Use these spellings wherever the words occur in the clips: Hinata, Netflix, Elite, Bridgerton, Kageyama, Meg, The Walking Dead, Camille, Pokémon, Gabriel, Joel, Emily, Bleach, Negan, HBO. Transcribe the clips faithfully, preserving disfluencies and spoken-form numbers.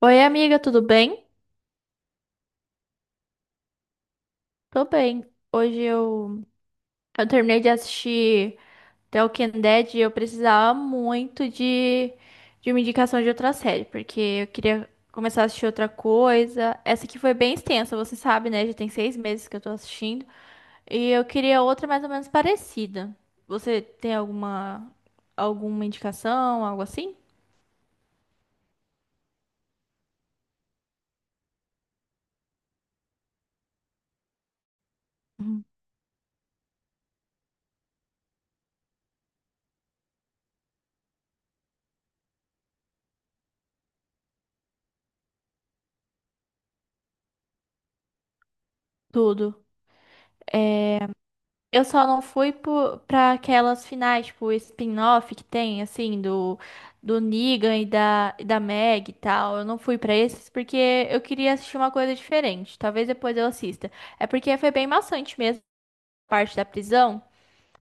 Oi, amiga, tudo bem? Tô bem. Hoje eu, eu terminei de assistir The Walking Dead e eu precisava muito de, de uma indicação de outra série, porque eu queria começar a assistir outra coisa. Essa aqui foi bem extensa, você sabe, né? Já tem seis meses que eu tô assistindo. E eu queria outra mais ou menos parecida. Você tem alguma, alguma indicação, algo assim? Uhum. Tudo. É, eu só não fui pro- pra aquelas finais, tipo, o spin-off que tem, assim, do, do Negan e da, e da Meg e tal. Eu não fui pra esses porque eu queria assistir uma coisa diferente. Talvez depois eu assista. É porque foi bem maçante mesmo a parte da prisão.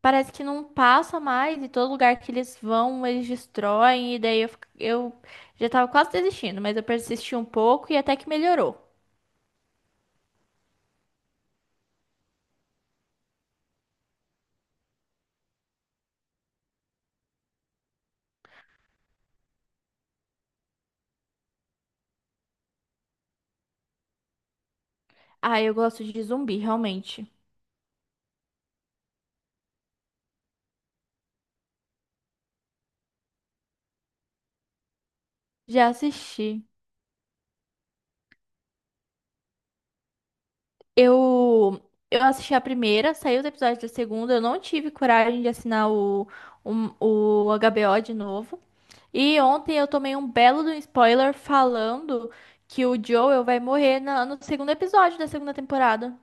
Parece que não passa mais e todo lugar que eles vão, eles destroem. E daí eu, fico- eu já tava quase desistindo, mas eu persisti um pouco e até que melhorou. Ah, eu gosto de zumbi, realmente. Já assisti. Eu, eu assisti a primeira, saiu os episódios da segunda, eu não tive coragem de assinar o, o, o H B O de novo. E ontem eu tomei um belo de um spoiler falando que o Joel vai morrer na- no segundo episódio da segunda temporada.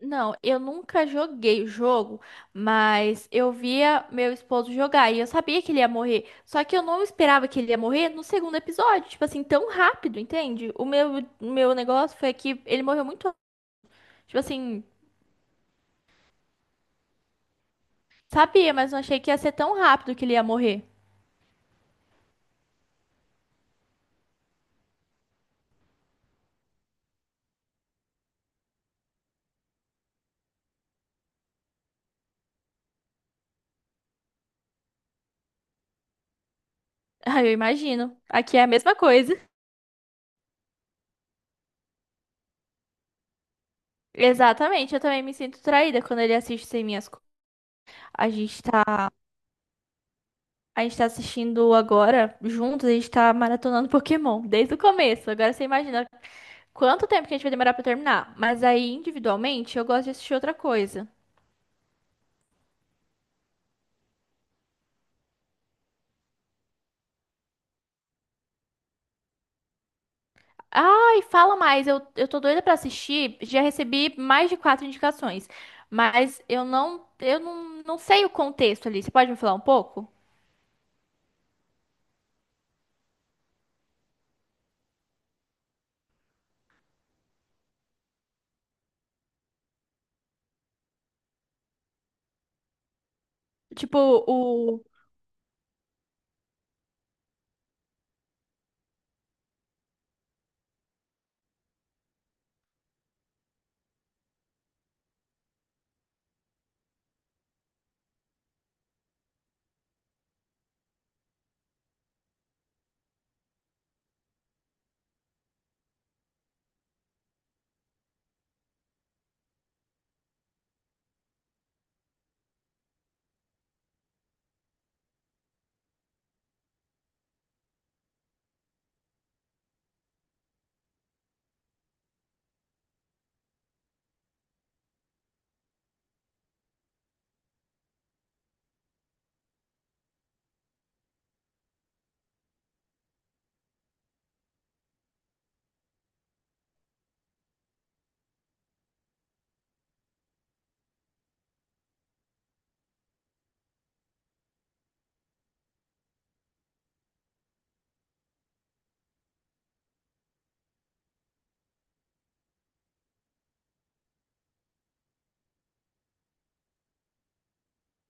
Não, eu nunca joguei o jogo, mas eu via meu esposo jogar e eu sabia que ele ia morrer. Só que eu não esperava que ele ia morrer no segundo episódio, tipo assim, tão rápido, entende? O meu, o meu negócio foi que ele morreu muito, tipo assim. Sabia, mas não achei que ia ser tão rápido que ele ia morrer. Ah, eu imagino. Aqui é a mesma coisa. Exatamente, eu também me sinto traída quando ele assiste sem minhas coisas. A gente tá, a gente tá assistindo agora, juntos, a gente tá maratonando Pokémon desde o começo. Agora você imagina quanto tempo que a gente vai demorar pra terminar. Mas aí, individualmente, eu gosto de assistir outra coisa. Ai, fala mais, eu, eu tô doida pra assistir. Já recebi mais de quatro indicações, mas eu não, eu não, não sei o contexto ali. Você pode me falar um pouco? Tipo, o.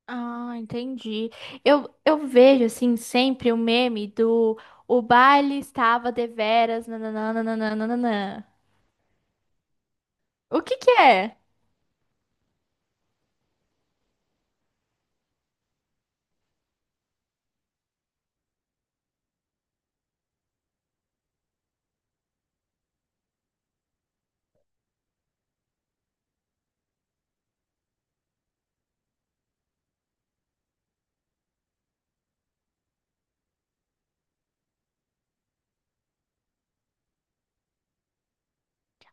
Ah, entendi. Eu, eu vejo, assim, sempre o meme do o baile estava deveras, nananana. O que que é?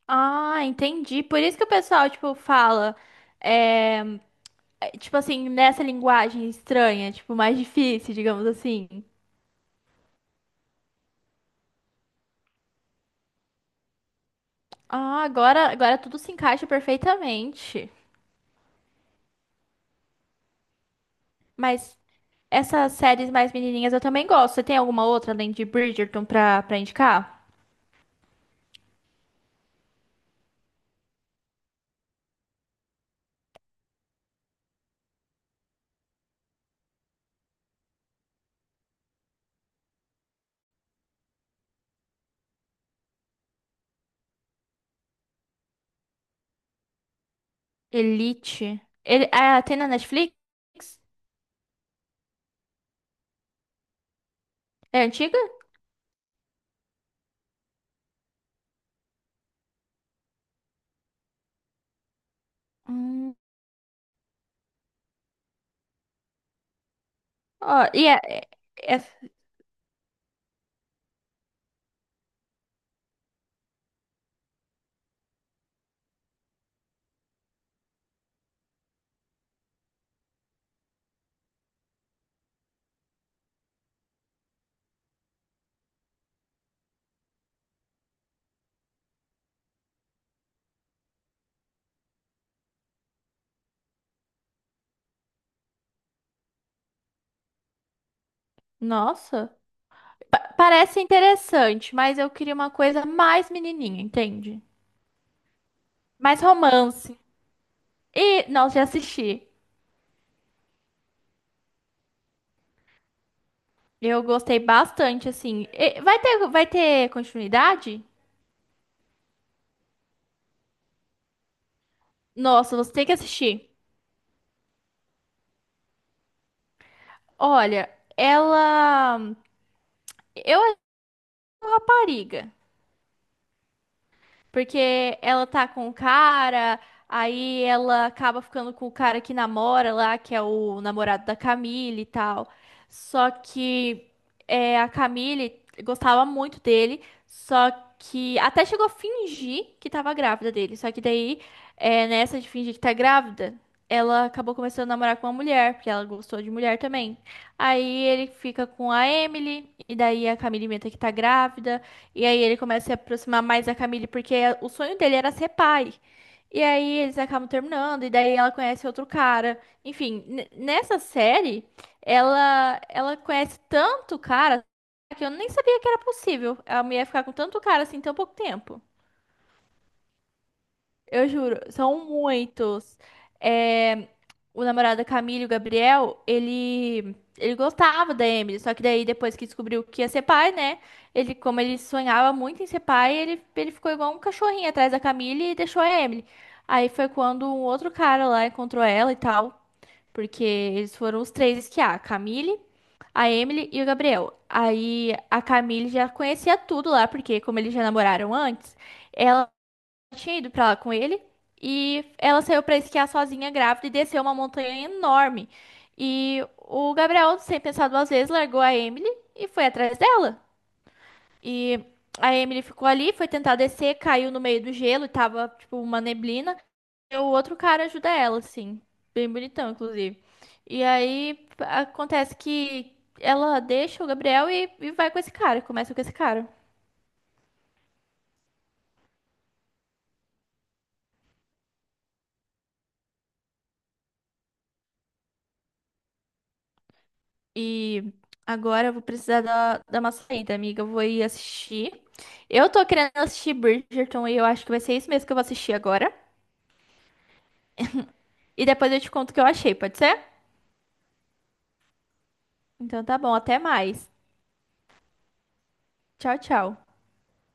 Ah, entendi. Por isso que o pessoal, tipo, fala, é, é, tipo assim, nessa linguagem estranha, tipo, mais difícil, digamos assim. Ah, agora, agora tudo se encaixa perfeitamente. Mas essas séries mais menininhas eu também gosto. Você tem alguma outra além de Bridgerton pra, pra indicar? Elite. Ele, ah, tem na Netflix? É antiga? Hum, ó, e é, é- é- nossa, Pa- parece interessante, mas eu queria uma coisa mais menininha, entende? Mais romance. E, nossa, já assisti. Eu gostei bastante, assim. E vai ter, vai ter continuidade? Nossa, você tem que assistir. Olha, ela... Eu acho uma rapariga. Porque ela tá com o cara, aí ela acaba ficando com o cara que namora lá, que é o namorado da Camille e tal. Só que é, a Camille gostava muito dele, só que até chegou a fingir que tava grávida dele. Só que daí, é, nessa de fingir que tá grávida, ela acabou começando a namorar com uma mulher, porque ela gostou de mulher também. Aí ele fica com a Emily, e daí a Camille inventa que tá grávida. E aí ele começa a se aproximar mais da Camille, porque é, o sonho dele era ser pai. E aí eles acabam terminando, e daí ela conhece outro cara. Enfim, ne- nessa série, ela, ela conhece tanto cara que eu nem sabia que era possível a mulher ficar com tanto cara assim em tão pouco tempo. Eu juro, são muitos. É, o namorado da Camila, o Gabriel, ele, ele gostava da Emily, só que daí depois que descobriu que ia ser pai, né? Ele, como ele sonhava muito em ser pai, ele, ele ficou igual um cachorrinho atrás da Camila e deixou a Emily. Aí foi quando um outro cara lá encontrou ela e tal, porque eles foram os três esquiar, a Camille, a Emily e o Gabriel. Aí a Camille já conhecia tudo lá, porque como eles já namoraram antes, ela tinha ido pra lá com ele e ela saiu pra esquiar sozinha, grávida, e desceu uma montanha enorme. E o Gabriel, sem pensar duas vezes, largou a Emily e foi atrás dela. E a Emily ficou ali, foi tentar descer, caiu no meio do gelo e tava, tipo, uma neblina. E o outro cara ajuda ela, assim, bem bonitão, inclusive. E aí acontece que ela deixa o Gabriel e, e vai com esse cara, começa com esse cara. E agora eu vou precisar da, dar uma saída, amiga. Eu vou ir assistir. Eu tô querendo assistir Bridgerton e eu acho que vai ser isso mesmo que eu vou assistir agora. E depois eu te conto o que eu achei, pode ser? Então tá bom, até mais. Tchau, tchau.